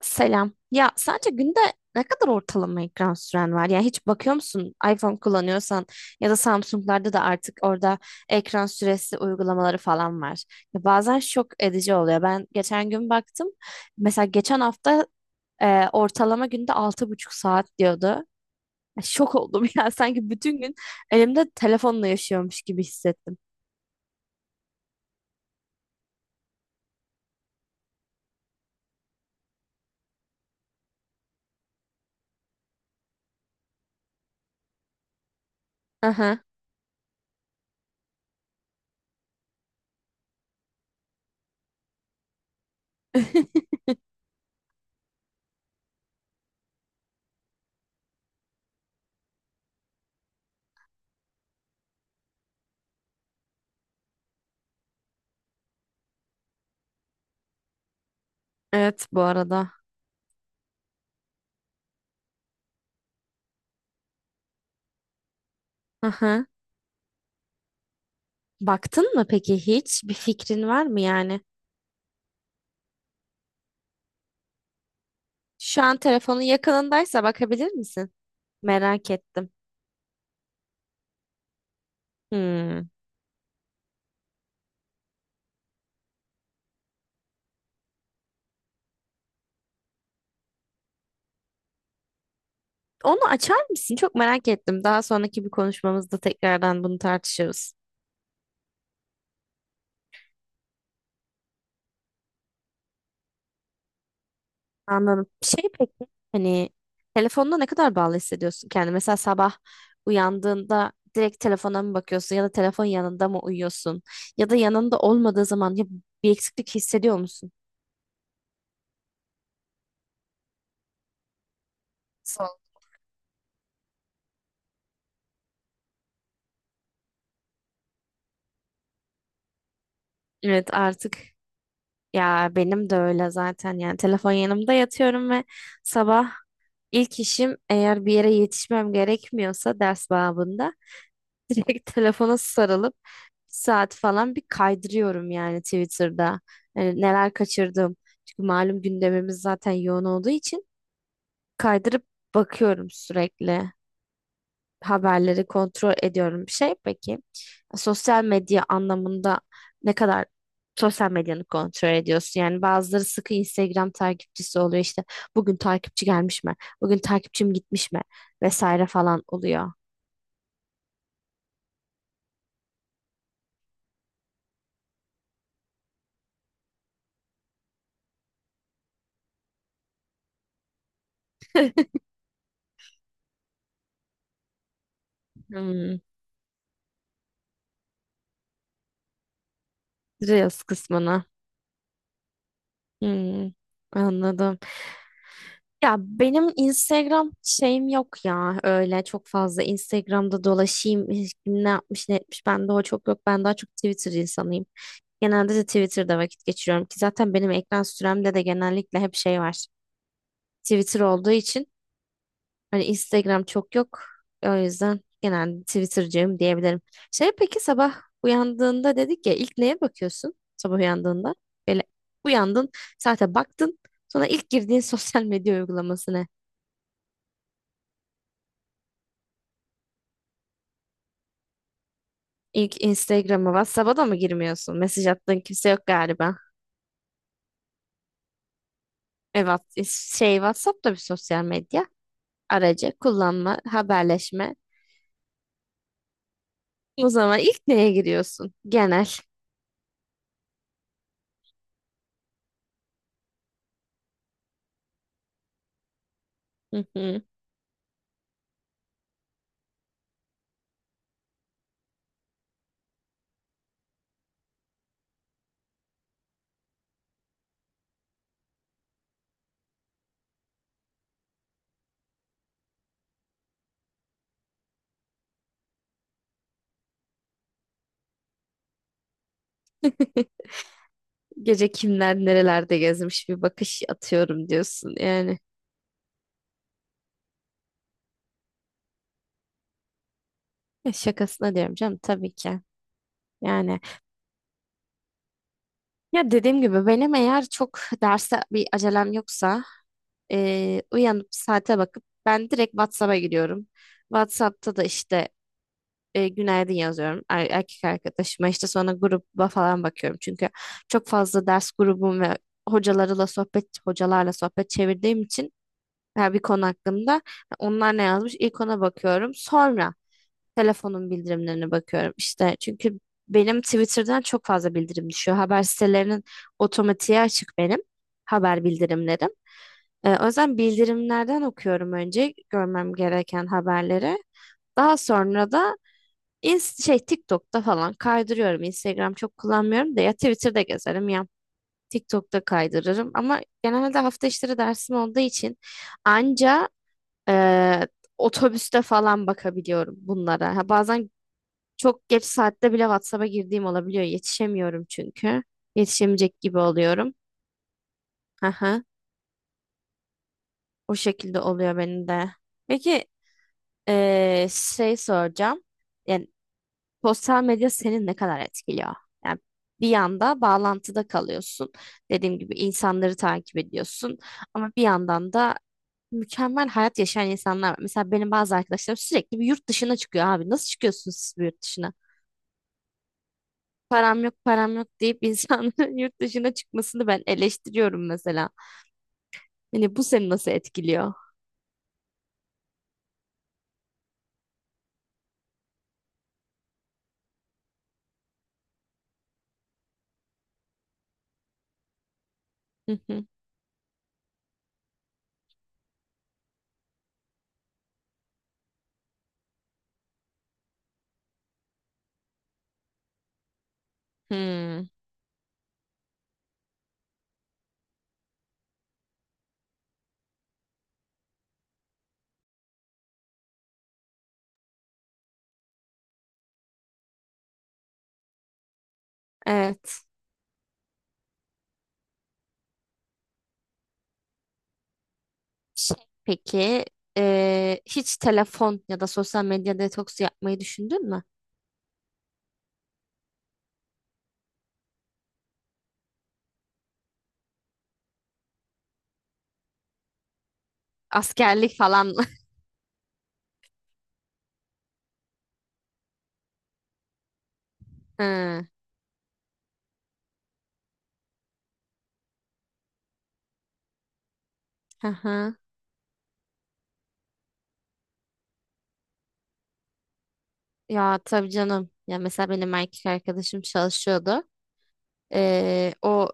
Selam. Ya sence günde ne kadar ortalama ekran süren var? Yani hiç bakıyor musun iPhone kullanıyorsan ya da Samsung'larda da artık orada ekran süresi uygulamaları falan var. Ya bazen şok edici oluyor. Ben geçen gün baktım. Mesela geçen hafta ortalama günde 6,5 saat diyordu. Ya şok oldum ya. Sanki bütün gün elimde telefonla yaşıyormuş gibi hissettim. Aha. Evet, bu arada. Aha. Baktın mı peki hiç? Bir fikrin var mı yani? Şu an telefonun yakınındaysa bakabilir misin? Merak ettim. Hmm. Onu açar mısın? Çok merak ettim. Daha sonraki bir konuşmamızda tekrardan bunu tartışırız. Anladım. Şey peki, hani telefonda ne kadar bağlı hissediyorsun kendini? Mesela sabah uyandığında direkt telefona mı bakıyorsun ya da telefon yanında mı uyuyorsun? Ya da yanında olmadığı zaman ya bir eksiklik hissediyor musun? Sol. Evet, artık ya benim de öyle zaten, yani telefon yanımda yatıyorum ve sabah İlk işim, eğer bir yere yetişmem gerekmiyorsa ders babında, direkt telefona sarılıp bir saat falan bir kaydırıyorum yani Twitter'da. Yani neler kaçırdım. Çünkü malum gündemimiz zaten yoğun olduğu için kaydırıp bakıyorum sürekli. Haberleri kontrol ediyorum. Bir şey peki, sosyal medya anlamında ne kadar sosyal medyanı kontrol ediyorsun? Yani bazıları sıkı Instagram takipçisi oluyor işte, bugün takipçi gelmiş mi? Bugün takipçim gitmiş mi? Vesaire falan oluyor. Hmm, Reels kısmına. Hmm, anladım. Ya benim Instagram şeyim yok, ya öyle çok fazla Instagram'da dolaşayım kim ne yapmış ne etmiş bende o çok yok, ben daha çok Twitter insanıyım. Genelde de Twitter'da vakit geçiriyorum ki zaten benim ekran süremde de genellikle hep şey var. Twitter olduğu için hani Instagram çok yok. O yüzden genelde Twitter'cıyım diyebilirim. Şey peki, sabah uyandığında dedik ya, ilk neye bakıyorsun sabah uyandığında? Böyle uyandın, saate baktın. Sonra ilk girdiğin sosyal medya uygulaması ne? İlk Instagram'a, WhatsApp'a da mı girmiyorsun? Mesaj attığın kimse yok galiba. Evet, şey WhatsApp da bir sosyal medya aracı, kullanma, haberleşme. O zaman ilk neye giriyorsun? Genel. Hı hı. Gece kimler nerelerde gezmiş bir bakış atıyorum diyorsun yani. Ya şakasına diyorum canım, tabii ki. Yani ya dediğim gibi benim eğer çok derse bir acelem yoksa, uyanıp saate bakıp ben direkt WhatsApp'a giriyorum. WhatsApp'ta da işte günaydın yazıyorum erkek arkadaşıma, işte sonra gruba falan bakıyorum. Çünkü çok fazla ders grubum ve hocalarla sohbet çevirdiğim için veya bir konu hakkında. Onlar ne yazmış? İlk ona bakıyorum. Sonra telefonun bildirimlerine bakıyorum. İşte çünkü benim Twitter'dan çok fazla bildirim düşüyor. Haber sitelerinin otomatiğe açık benim haber bildirimlerim. O yüzden bildirimlerden okuyorum önce görmem gereken haberleri. Daha sonra da Inst şey TikTok'ta falan kaydırıyorum. Instagram çok kullanmıyorum da, ya Twitter'da gezerim ya TikTok'ta kaydırırım. Ama genelde hafta içleri dersim olduğu için anca ee, otobüste falan bakabiliyorum bunlara. Ha, bazen çok geç saatte bile WhatsApp'a girdiğim olabiliyor. Yetişemiyorum çünkü. Yetişemeyecek gibi oluyorum. Aha, o şekilde oluyor benim de. Peki şey soracağım. Yani sosyal medya seni ne kadar etkiliyor? Yani bir yanda bağlantıda kalıyorsun. Dediğim gibi insanları takip ediyorsun. Ama bir yandan da mükemmel hayat yaşayan insanlar var. Mesela benim bazı arkadaşlarım sürekli bir yurt dışına çıkıyor abi. Nasıl çıkıyorsunuz siz bir yurt dışına? Param yok, param yok deyip insanların yurt dışına çıkmasını ben eleştiriyorum mesela. Hani bu seni nasıl etkiliyor? Hı hı. Hmm, evet. Şey, peki hiç telefon ya da sosyal medya detoksu yapmayı düşündün mü? Askerlik falan mı? Hı. Hı hı. Ya tabii canım. Ya mesela benim erkek arkadaşım çalışıyordu. O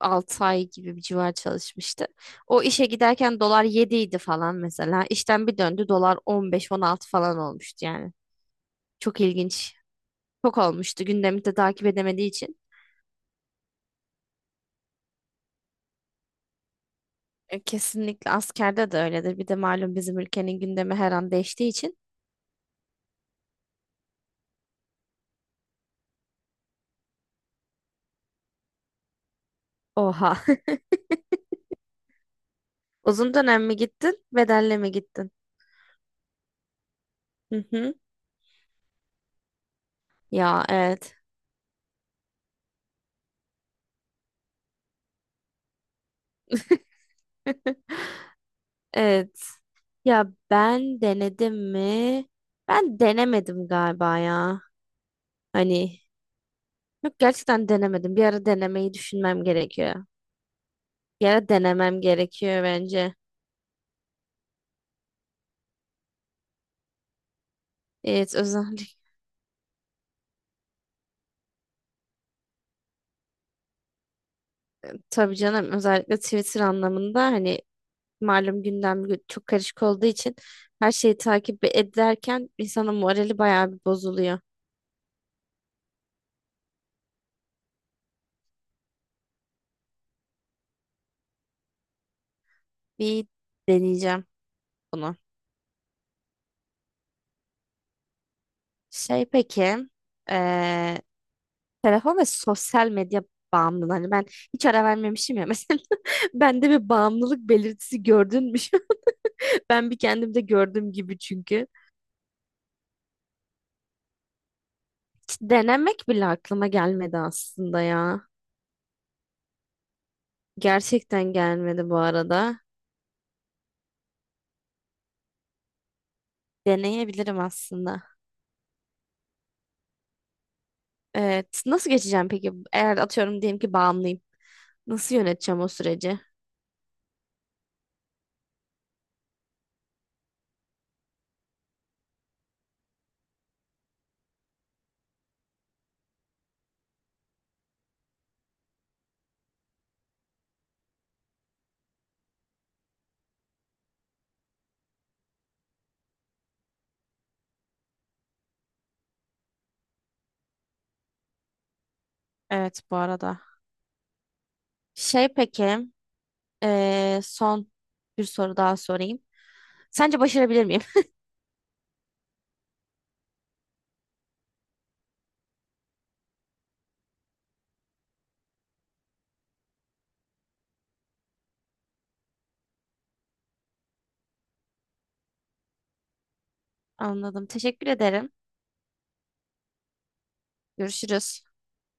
6 ay gibi bir civar çalışmıştı. O işe giderken dolar 7 idi falan mesela. İşten bir döndü dolar 15 on 16 falan olmuştu yani. Çok ilginç. Çok olmuştu, gündemi de takip edemediği için. Kesinlikle askerde de öyledir. Bir de malum bizim ülkenin gündemi her an değiştiği için. Oha. Uzun dönem mi gittin? Bedelli mi gittin? Hı hı. Ya evet. Evet. Ya ben denedim mi? Ben denemedim galiba ya. Hani yok, gerçekten denemedim. Bir ara denemeyi düşünmem gerekiyor. Bir ara denemem gerekiyor bence. Evet, özellikle tabii canım, özellikle Twitter anlamında hani malum gündem çok karışık olduğu için her şeyi takip ederken insanın morali bayağı bir bozuluyor. Bir deneyeceğim bunu. Şey peki, eee, Telefon ve sosyal medya bağımlılığı. Hani ben hiç ara vermemişim ya, mesela. Bende bir bağımlılık belirtisi gördün mü? Ben bir kendimde gördüm gibi çünkü. Hiç denemek bile aklıma gelmedi aslında ya. Gerçekten gelmedi bu arada. Deneyebilirim aslında. Evet. Nasıl geçeceğim peki? Eğer atıyorum diyelim ki bağımlıyım. Nasıl yöneteceğim o süreci? Evet, bu arada. Şey peki, son bir soru daha sorayım. Sence başarabilir miyim? Anladım. Teşekkür ederim. Görüşürüz.